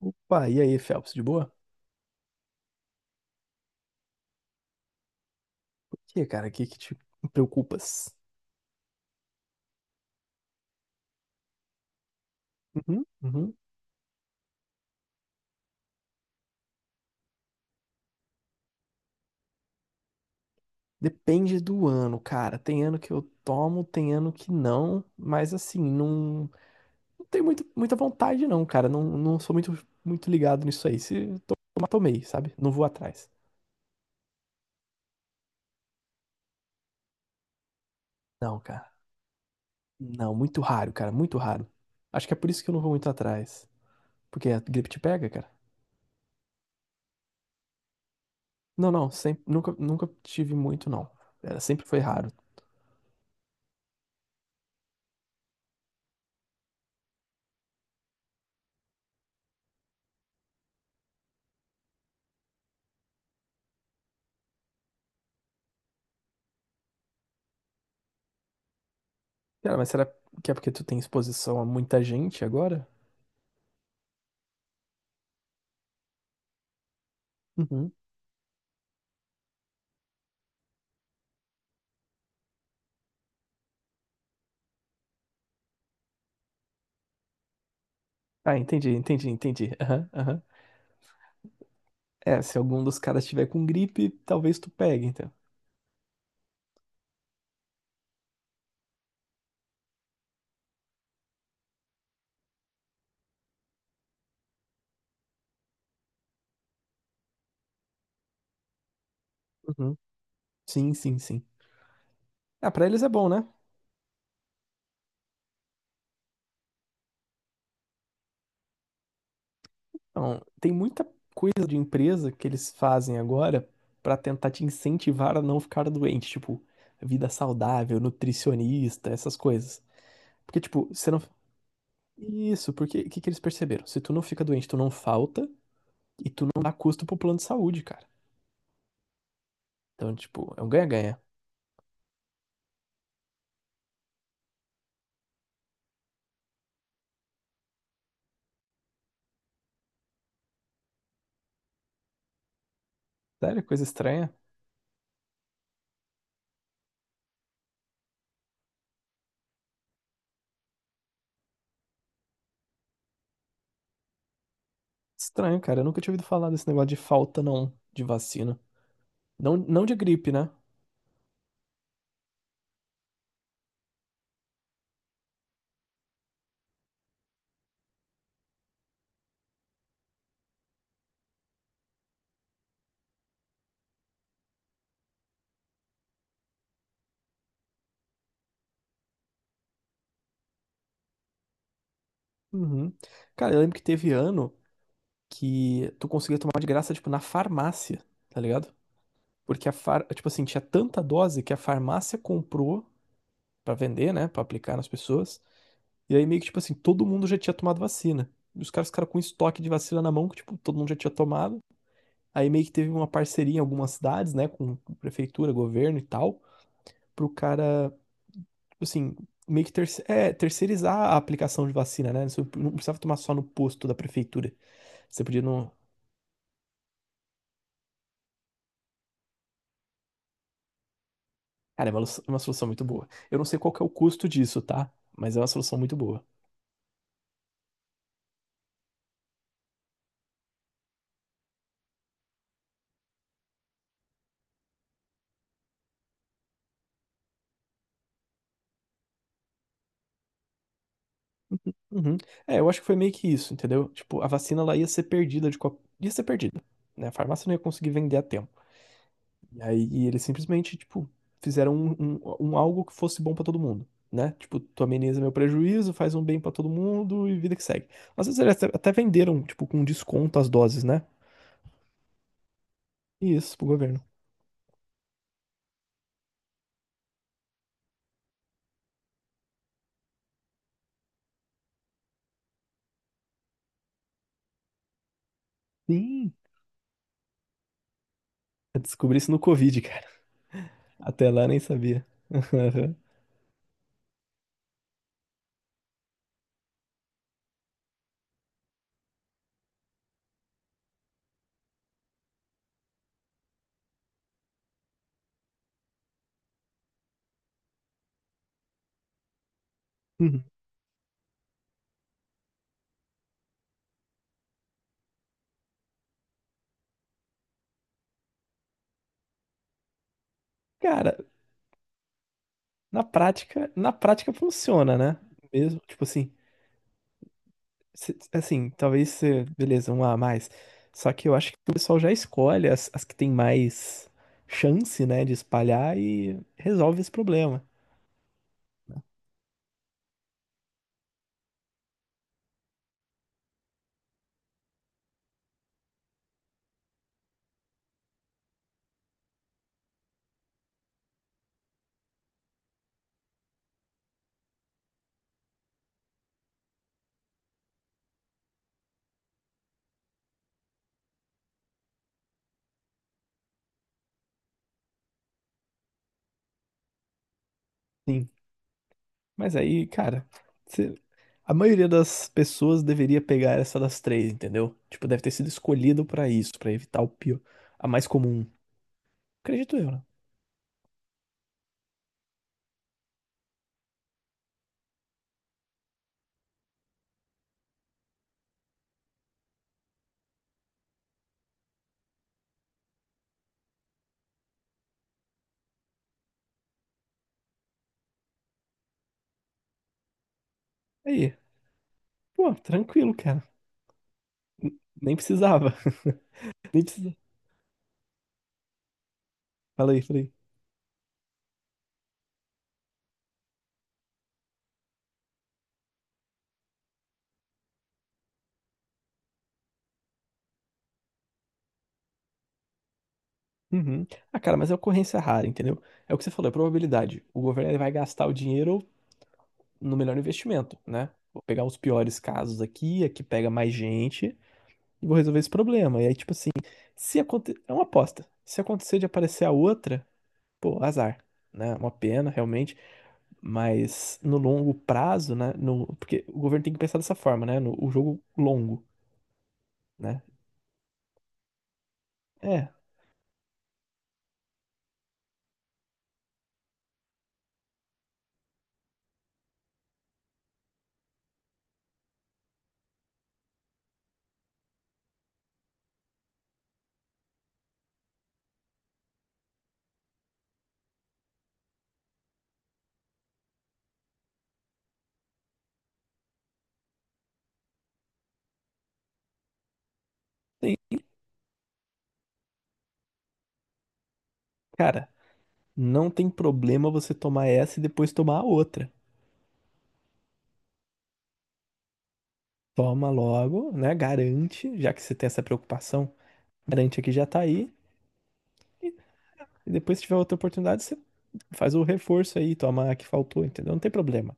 Opa, e aí, Phelps, de boa? Por que, cara? O que que te preocupas? Uhum, uhum. Depende do ano, cara. Tem ano que eu tomo, tem ano que não, mas assim, não tenho muito, muita vontade, não, cara. Não sou muito, muito ligado nisso aí. Se tomar, tomei, sabe? Não vou atrás. Não, cara. Não, muito raro, cara. Muito raro. Acho que é por isso que eu não vou muito atrás. Porque a gripe te pega, cara? Não, não. Sempre, nunca tive muito, não. Era, sempre foi raro. Cara, mas será que é porque tu tem exposição a muita gente agora? Uhum. Ah, entendi. Aham, aham. É, se algum dos caras tiver com gripe, talvez tu pegue, então. Uhum. Sim. Ah, pra eles é bom, né? Então, tem muita coisa de empresa que eles fazem agora pra tentar te incentivar a não ficar doente, tipo, vida saudável, nutricionista, essas coisas. Porque, tipo, você não. Isso, porque o que que eles perceberam? Se tu não fica doente, tu não falta e tu não dá custo pro plano de saúde, cara. Então, tipo, é um ganha-ganha. Sério, coisa estranha. Estranho, cara. Eu nunca tinha ouvido falar desse negócio de falta, não, de vacina. Não, não de gripe, né? Uhum. Cara, eu lembro que teve ano que tu conseguia tomar de graça, tipo, na farmácia, tá ligado? Porque a far... tipo assim, tinha tanta dose que a farmácia comprou pra vender, né, pra aplicar nas pessoas. E aí meio que tipo assim, todo mundo já tinha tomado vacina. E os caras ficaram com estoque de vacina na mão que tipo, todo mundo já tinha tomado. Aí meio que teve uma parceria em algumas cidades, né, com prefeitura, governo e tal, pro cara, assim, meio que terceirizar a aplicação de vacina, né? Você não precisava tomar só no posto da prefeitura. Você podia não. Cara, é uma, é uma solução muito boa. Eu não sei qual que é o custo disso, tá? Mas é uma solução muito boa. Uhum. É, eu acho que foi meio que isso, entendeu? Tipo, a vacina ela ia ser perdida de qual... ia ser perdida, né? A farmácia não ia conseguir vender a tempo. E aí eles simplesmente, tipo, fizeram um, um algo que fosse bom pra todo mundo, né? Tipo, tu ameniza meu prejuízo, faz um bem pra todo mundo e vida que segue. Às vezes eles até, até venderam, tipo, com desconto as doses, né? Isso, pro governo. Sim. Eu descobri isso no Covid, cara. Até lá eu nem sabia. Uhum. Cara, na prática funciona, né? Mesmo, tipo assim, assim, talvez, beleza, um a mais. Só que eu acho que o pessoal já escolhe as, as que tem mais chance, né, de espalhar e resolve esse problema. Sim. Mas aí, cara, se- a maioria das pessoas deveria pegar essa das três, entendeu? Tipo, deve ter sido escolhido pra isso, pra evitar o pior, a mais comum. Acredito eu, né? Aí, pô, tranquilo, cara. Nem precisava. Nem precisava. Fala aí, fala aí. Uhum. Ah, cara, mas é ocorrência rara, entendeu? É o que você falou, é probabilidade. O governo ele vai gastar o dinheiro no melhor investimento, né? Vou pegar os piores casos aqui, aqui pega mais gente e vou resolver esse problema. E aí, tipo assim, se acontecer. É uma aposta. Se acontecer de aparecer a outra, pô, azar, né? É uma pena, realmente. Mas no longo prazo, né? No... Porque o governo tem que pensar dessa forma, né? No... O jogo longo, né? É, tem. Cara, não tem problema você tomar essa e depois tomar a outra. Toma logo, né? Garante, já que você tem essa preocupação, garante aqui já tá aí. E e depois, se tiver outra oportunidade, você faz o reforço aí, toma a que faltou, entendeu? Não tem problema.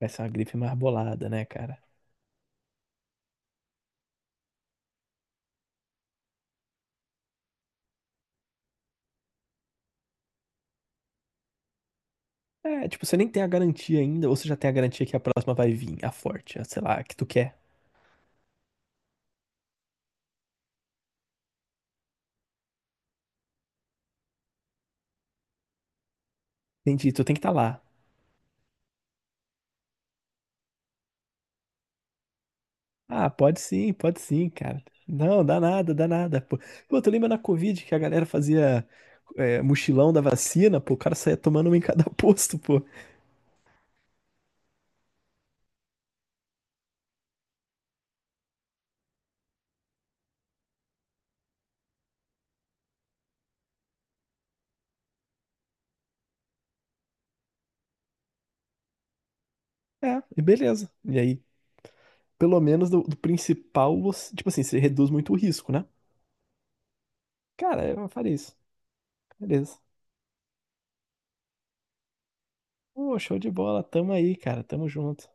Vai ser uma gripe marbolada, né, cara? É, tipo, você nem tem a garantia ainda, ou você já tem a garantia que a próxima vai vir, a forte, a, sei lá, a que tu quer. Entendi, tu tem que estar lá. Ah, pode sim, cara. Não, dá nada. Pô, tu lembra na Covid que a galera fazia mochilão da vacina, pô, o cara saía tomando uma em cada posto, pô. É, e beleza. E aí, pelo menos do, do principal, você- tipo assim, você reduz muito o risco, né? Cara, eu faria isso. Beleza. Pô, show de bola. Tamo aí, cara. Tamo junto.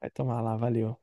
Vai tomar lá, valeu.